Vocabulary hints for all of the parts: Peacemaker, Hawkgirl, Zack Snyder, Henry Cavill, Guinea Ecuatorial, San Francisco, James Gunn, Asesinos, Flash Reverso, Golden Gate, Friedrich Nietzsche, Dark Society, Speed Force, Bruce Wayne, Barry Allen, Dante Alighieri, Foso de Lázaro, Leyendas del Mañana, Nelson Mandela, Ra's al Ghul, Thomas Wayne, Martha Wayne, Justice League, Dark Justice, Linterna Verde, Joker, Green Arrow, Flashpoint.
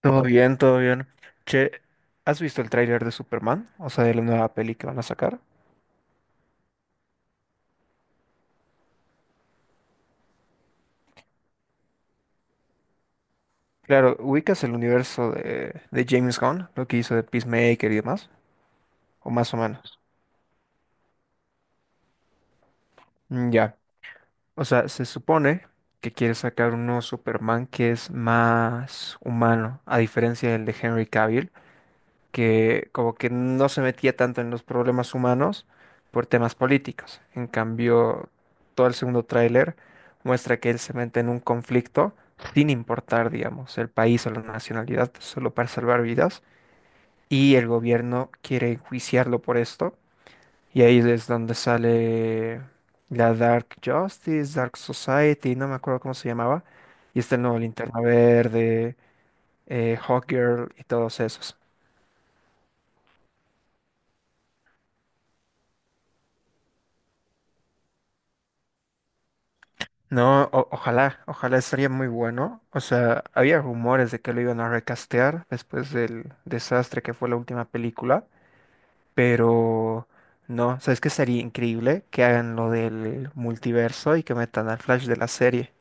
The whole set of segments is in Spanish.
Todo bien, todo bien. Che, ¿has visto el tráiler de Superman? O sea, de la nueva peli que van a sacar. Claro, ubicas el universo de James Gunn, lo que hizo de Peacemaker y demás, o más o menos. Ya. O sea, se supone que quiere sacar un nuevo Superman que es más humano, a diferencia del de Henry Cavill, que como que no se metía tanto en los problemas humanos por temas políticos. En cambio, todo el segundo tráiler muestra que él se mete en un conflicto sin importar, digamos, el país o la nacionalidad, solo para salvar vidas. Y el gobierno quiere enjuiciarlo por esto. Y ahí es donde sale la Dark Justice, Dark Society, no me acuerdo cómo se llamaba. Y está el nuevo Linterna Verde, Hawkgirl y todos esos. No, ojalá, ojalá estaría muy bueno. O sea, había rumores de que lo iban a recastear después del desastre que fue la última película, pero no, ¿sabes qué? Sería increíble que hagan lo del multiverso y que metan al Flash de la serie.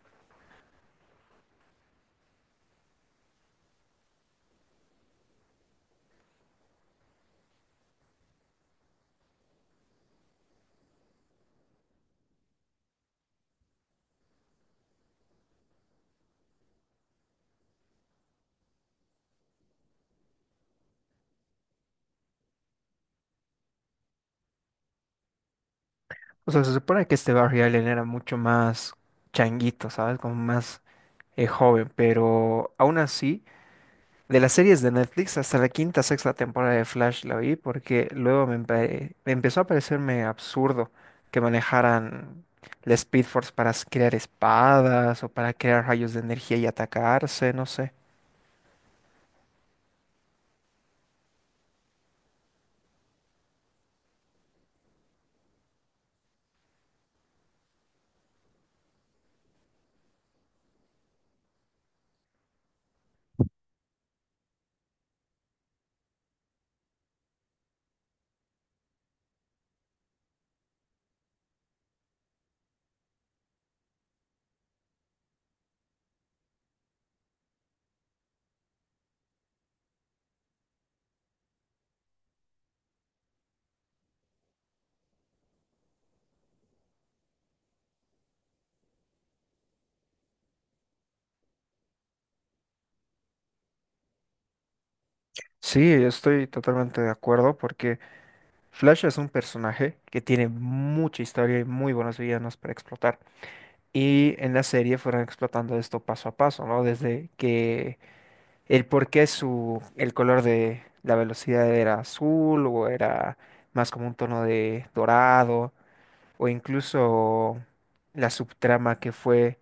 O sea, se supone que este Barry Allen era mucho más changuito, ¿sabes? Como más joven, pero aún así. De las series de Netflix, hasta la quinta, sexta temporada de Flash la vi porque luego me empezó a parecerme absurdo que manejaran la Speed Force para crear espadas o para crear rayos de energía y atacarse, no sé. Sí, estoy totalmente de acuerdo porque Flash es un personaje que tiene mucha historia y muy buenos villanos para explotar. Y en la serie fueron explotando esto paso a paso, ¿no? Desde que el por qué el color de la velocidad era azul o era más como un tono de dorado, o incluso la subtrama que fue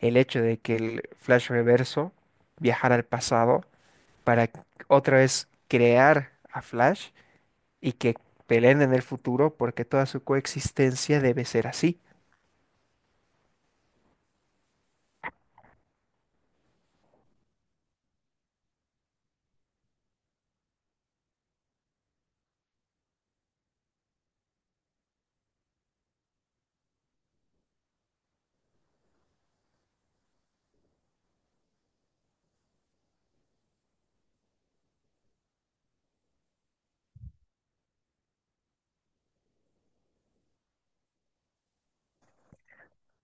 el hecho de que el Flash Reverso viajara al pasado para otra vez crear a Flash y que peleen en el futuro porque toda su coexistencia debe ser así.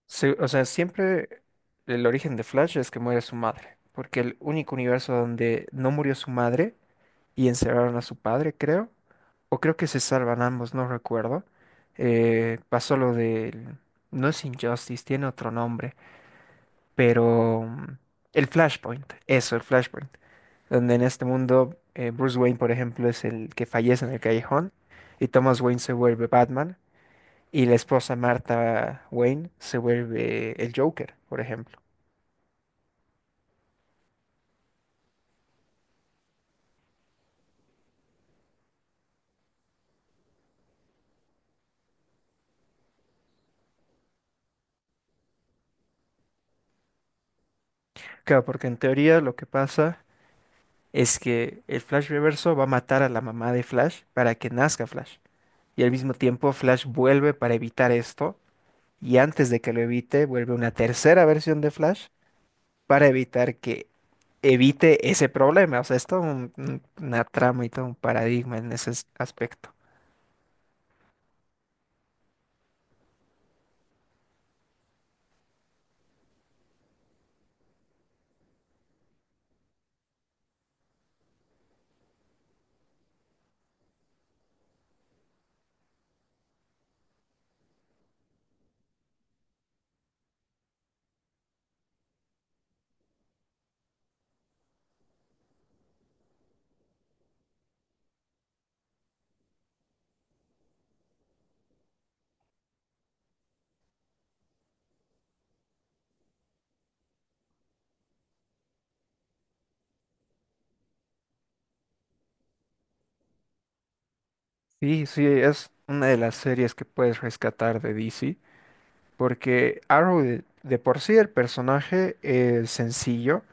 O sea, siempre el origen de Flash es que muere su madre, porque el único universo donde no murió su madre y encerraron a su padre, creo. O creo que se salvan ambos, no recuerdo. Pasó lo del... No es Injustice, tiene otro nombre, pero... el Flashpoint, eso, el Flashpoint. Donde en este mundo Bruce Wayne, por ejemplo, es el que fallece en el callejón y Thomas Wayne se vuelve Batman y la esposa Martha Wayne se vuelve el Joker, por ejemplo. Claro, porque en teoría lo que pasa es que el Flash Reverso va a matar a la mamá de Flash para que nazca Flash, y al mismo tiempo Flash vuelve para evitar esto y antes de que lo evite vuelve una tercera versión de Flash para evitar que evite ese problema. O sea, es todo una trama y todo un paradigma en ese aspecto. Sí, sí, es una de las series que puedes rescatar de DC porque Arrow de por sí el personaje es sencillo,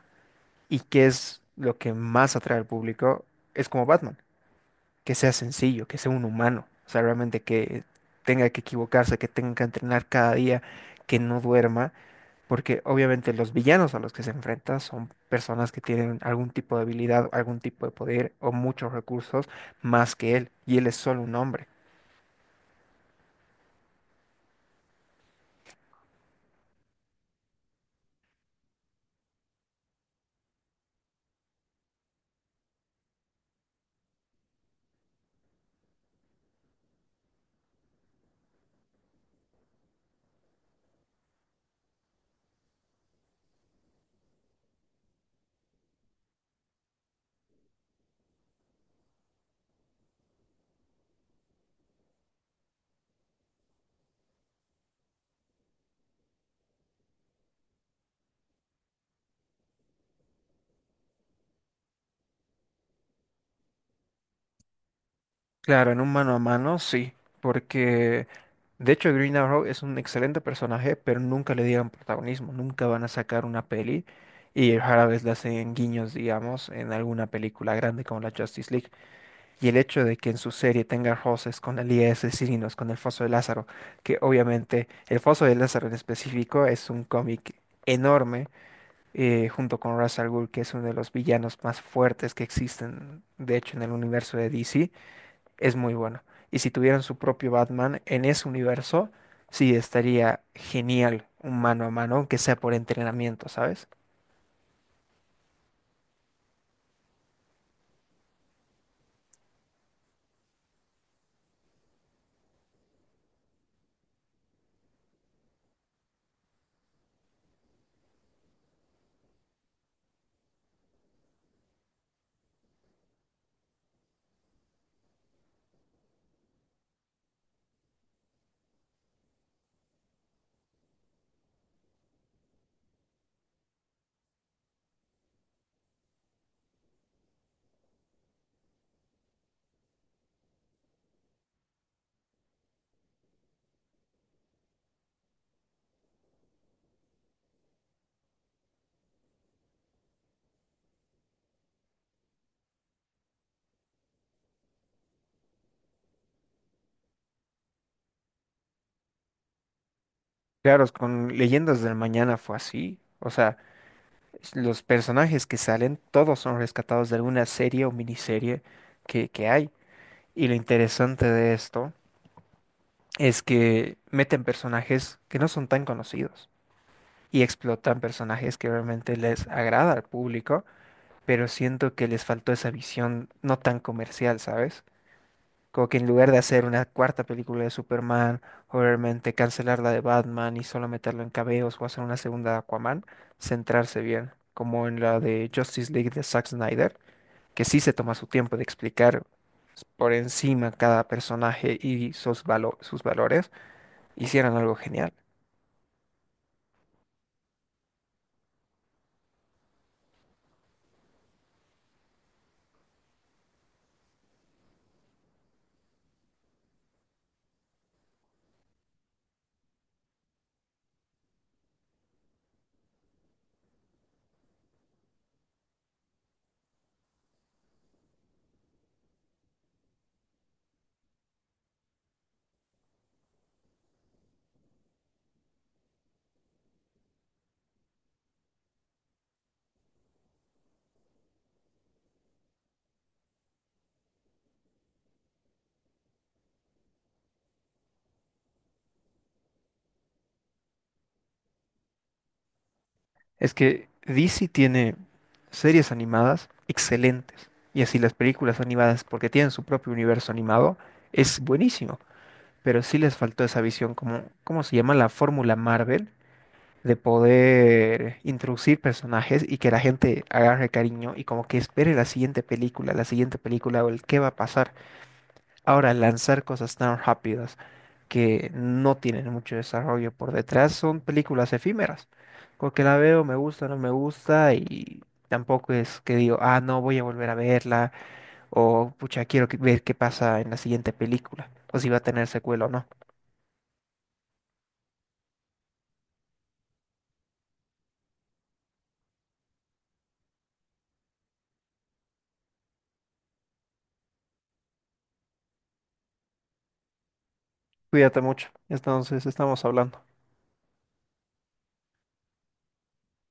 y que es lo que más atrae al público es como Batman. Que sea sencillo, que sea un humano, o sea, realmente que tenga que equivocarse, que tenga que entrenar cada día, que no duerma, porque obviamente los villanos a los que se enfrenta son personas que tienen algún tipo de habilidad, algún tipo de poder o muchos recursos más que él, y él es solo un hombre. Claro, en un mano a mano, sí, porque de hecho Green Arrow es un excelente personaje, pero nunca le dieron protagonismo, nunca van a sacar una peli. Y rara vez le hacen guiños, digamos, en alguna película grande como la Justice League. Y el hecho de que en su serie tenga roces con la de Asesinos, con el Foso de Lázaro, que obviamente el Foso de Lázaro en específico es un cómic enorme, junto con Ra's al Ghul, que es uno de los villanos más fuertes que existen, de hecho, en el universo de DC, es muy bueno. Y si tuvieran su propio Batman en ese universo, sí estaría genial un mano a mano, aunque sea por entrenamiento, ¿sabes? Claro, con Leyendas del Mañana fue así. O sea, los personajes que salen, todos son rescatados de alguna serie o miniserie que hay. Y lo interesante de esto es que meten personajes que no son tan conocidos y explotan personajes que realmente les agrada al público, pero siento que les faltó esa visión no tan comercial, ¿sabes? Como que en lugar de hacer una cuarta película de Superman, o realmente cancelar la de Batman y solo meterlo en cameos, o hacer una segunda de Aquaman, centrarse bien, como en la de Justice League de Zack Snyder, que sí se toma su tiempo de explicar por encima cada personaje y sus sus valores, hicieran algo genial. Es que DC tiene series animadas excelentes. Y así las películas animadas, porque tienen su propio universo animado, es buenísimo. Pero sí les faltó esa visión, como, ¿cómo se llama? La fórmula Marvel, de poder introducir personajes y que la gente agarre cariño y como que espere la siguiente película o el qué va a pasar. Ahora, lanzar cosas tan rápidas que no tienen mucho desarrollo por detrás son películas efímeras, porque la veo, me gusta, no me gusta y tampoco es que digo, ah, no, voy a volver a verla o pucha, ver qué pasa en la siguiente película o si va a tener secuela o no. Cuídate mucho, entonces estamos hablando.